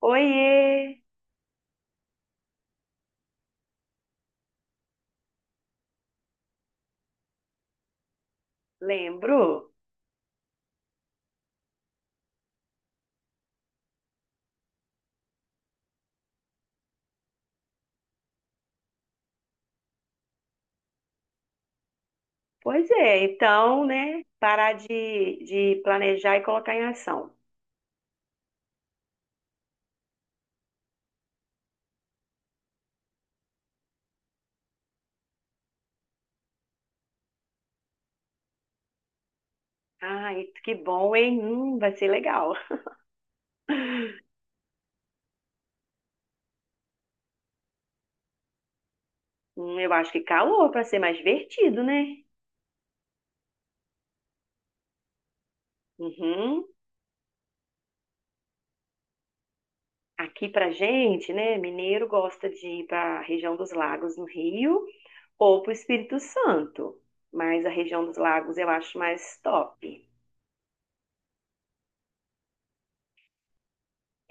Oiê, lembro? Pois é, então, né, parar de planejar e colocar em ação. Ai, que bom, hein? Vai ser legal. Eu acho que calor para ser mais divertido, né? Uhum. Aqui pra gente, né, mineiro gosta de ir para a região dos lagos no Rio ou para o Espírito Santo, mas a região dos lagos eu acho mais top.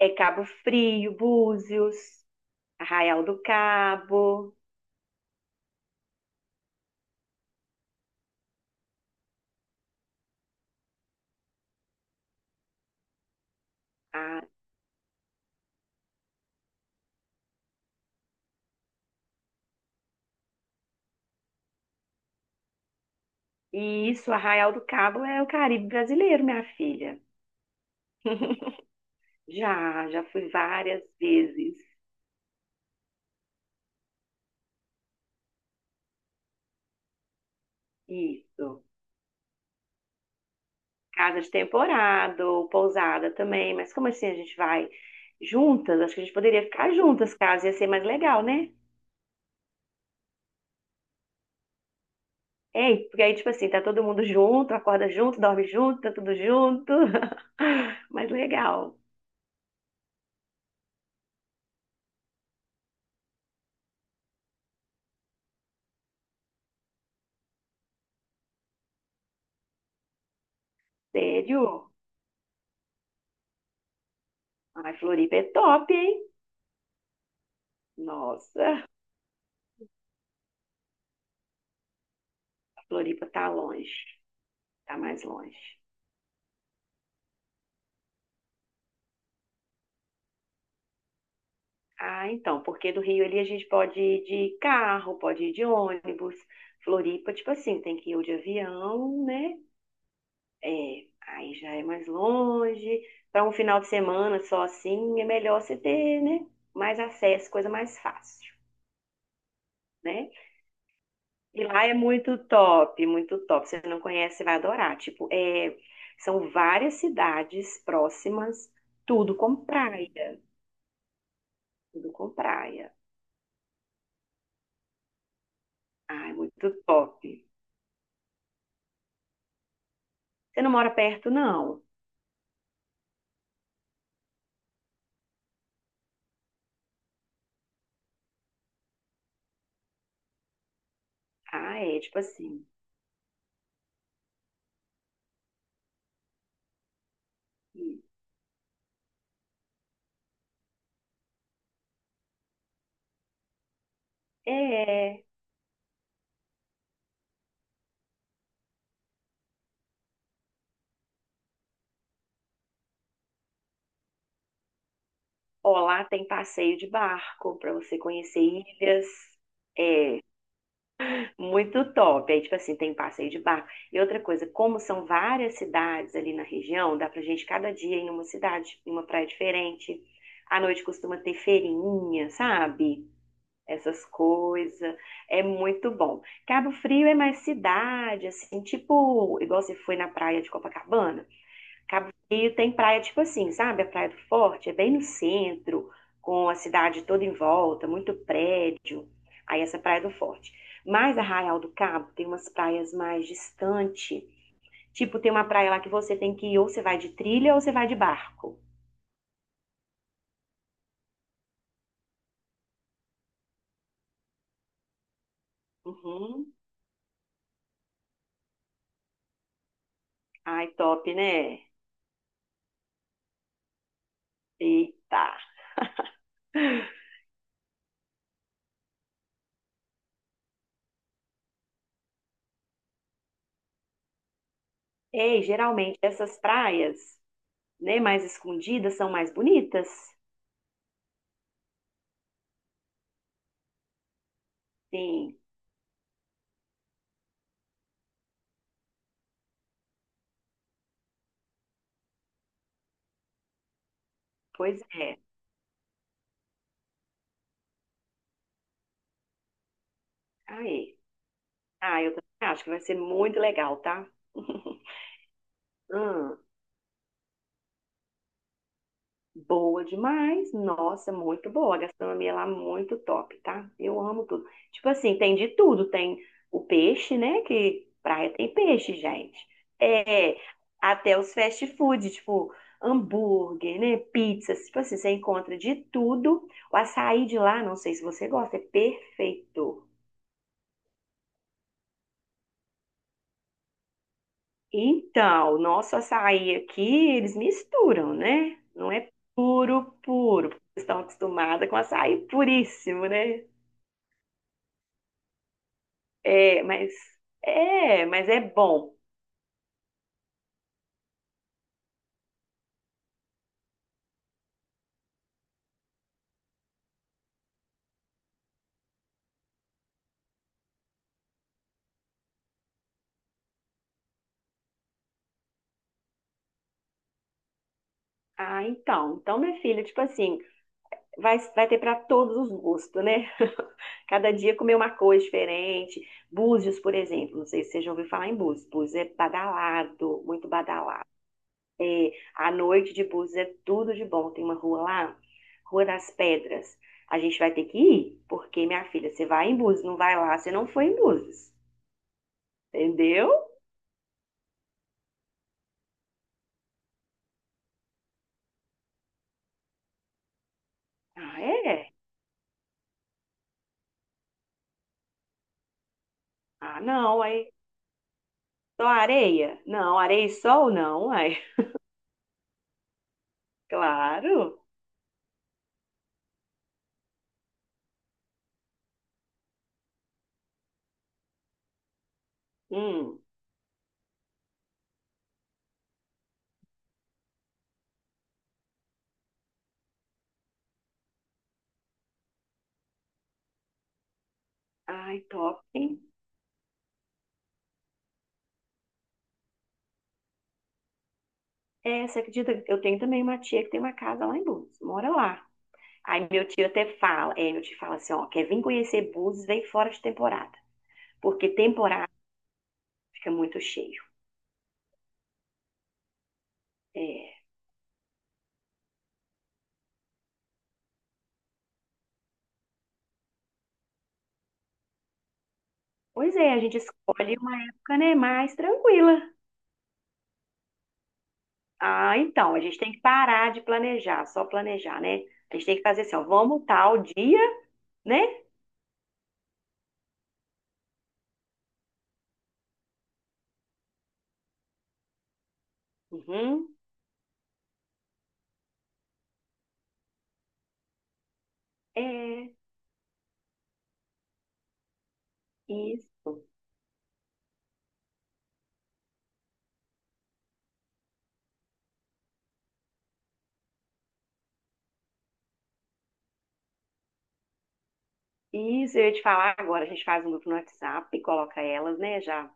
É Cabo Frio, Búzios, Arraial do Cabo. E isso, Arraial do Cabo é o Caribe brasileiro, minha filha. Já, já fui várias vezes. Isso. Casa de temporada, ou pousada também. Mas como assim a gente vai juntas? Acho que a gente poderia ficar juntas, caso ia ser mais legal, né? É, porque aí, tipo assim, tá todo mundo junto, acorda junto, dorme junto, tá tudo junto. Mais legal. Sério? Ai, Floripa é top, hein? Nossa, Floripa tá longe. Tá mais longe. Ah, então, porque do Rio ali a gente pode ir de carro, pode ir de ônibus. Floripa, tipo assim, tem que ir ou de avião, né? É, aí já é mais longe. Para um final de semana só assim, é melhor você ter, né? Mais acesso, coisa mais fácil, né? E lá é muito top, muito top. Se você não conhece, você vai adorar. Tipo, é, são várias cidades próximas, tudo com praia, tudo com praia. Ah, é muito top. Você não mora perto, não? Ah, é, tipo assim. É. Ó, lá tem passeio de barco para você conhecer ilhas. É muito top. Aí, tipo assim, tem passeio de barco. E outra coisa, como são várias cidades ali na região, dá pra gente cada dia ir em uma cidade, em uma praia diferente. À noite costuma ter feirinha, sabe? Essas coisas. É muito bom. Cabo Frio é mais cidade, assim, tipo, igual você foi na praia de Copacabana. Cabo Frio tem praia tipo assim, sabe? A Praia do Forte é bem no centro, com a cidade toda em volta, muito prédio. Aí essa é a Praia do Forte. Mas Arraial do Cabo tem umas praias mais distante. Tipo, tem uma praia lá que você tem que ir, ou você vai de trilha ou você vai de barco. Uhum. Ai, top, né? Eita. Ei, geralmente essas praias, né, mais escondidas são mais bonitas. Sim, pois é. Ai. Ah, eu também acho que vai ser muito legal, tá? Hum, boa demais. Nossa, muito boa. A gastronomia lá é muito top, tá? Eu amo tudo. Tipo assim, tem de tudo. Tem o peixe, né? Que praia tem peixe, gente. É, até os fast food, tipo hambúrguer, né? Pizzas. Tipo assim, você encontra de tudo. O açaí de lá, não sei se você gosta, é perfeito. Então, nosso açaí aqui, eles misturam, né? Não é puro, puro. Porque estão acostumados com açaí puríssimo, né? É, mas mas é bom. Ah, então, então, minha filha, tipo assim, vai, vai ter para todos os gostos, né? Cada dia comer uma coisa diferente. Búzios, por exemplo, não sei se você já ouviu falar em Búzios. Búzios é badalado, muito badalado. É, à noite de Búzios é tudo de bom. Tem uma rua lá, Rua das Pedras. A gente vai ter que ir, porque, minha filha, você vai em Búzios, não vai lá, você não foi em Búzios. Entendeu? Ah, é? Ah, não, aí. Só areia? Não, areia e sol não, ai. Claro. Hum. Ai, top, hein? É, você acredita que eu tenho também uma tia que tem uma casa lá em Búzios, mora lá. Aí meu tio até fala, é, meu tio fala assim, ó, quer vir conhecer Búzios, vem fora de temporada, porque temporada fica muito cheio. É. Pois é, a gente escolhe uma época, né, mais tranquila. Ah, então, a gente tem que parar de planejar, só planejar, né? A gente tem que fazer assim, ó, vamos tal dia, né? Uhum, é, isso. Isso, eu ia te falar agora, a gente faz um grupo no WhatsApp e coloca elas, né, já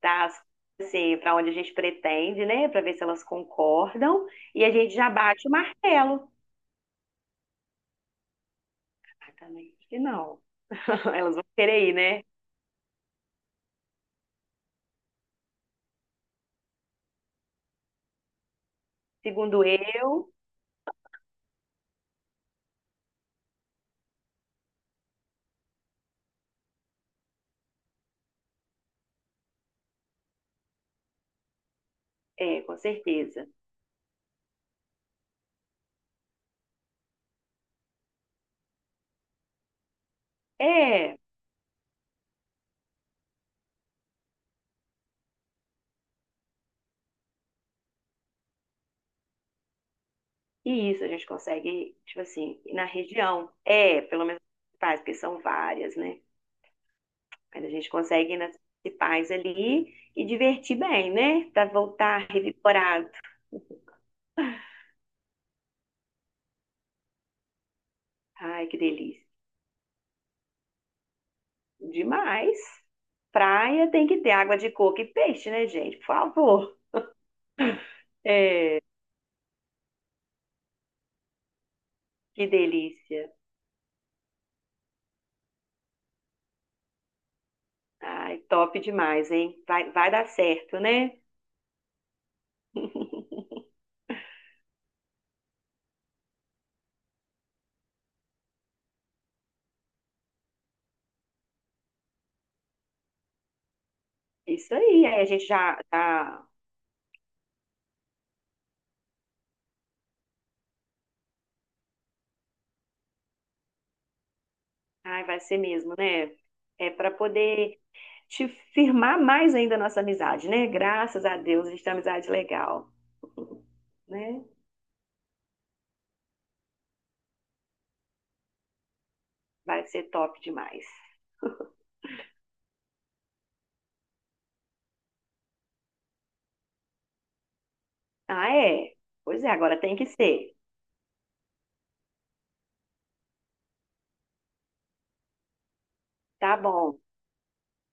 dá as- assim, para onde a gente pretende, né, para ver se elas concordam, e a gente já bate o martelo. Ah, também, acho que não. Elas vão querer ir, né? Segundo eu, é, com certeza. É, e isso a gente consegue, tipo assim, na região. É, pelo menos as principais, porque são várias, né? Mas a gente consegue ir nas principais ali e divertir bem, né? Pra voltar revigorado. Ai, que delícia. Demais. Praia tem que ter água de coco e peixe, né, gente? Por favor. Que delícia. Ai, top demais, hein? Vai, vai dar certo, né? Isso aí. Aí a gente já, já... Ai, vai ser mesmo, né? É para poder te firmar mais ainda a nossa amizade, né? Graças a Deus, a gente tem uma amizade legal, né? Vai ser top demais. Ah, é? Pois é, agora tem que ser. Tá bom,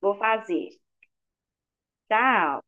vou fazer. Tchau.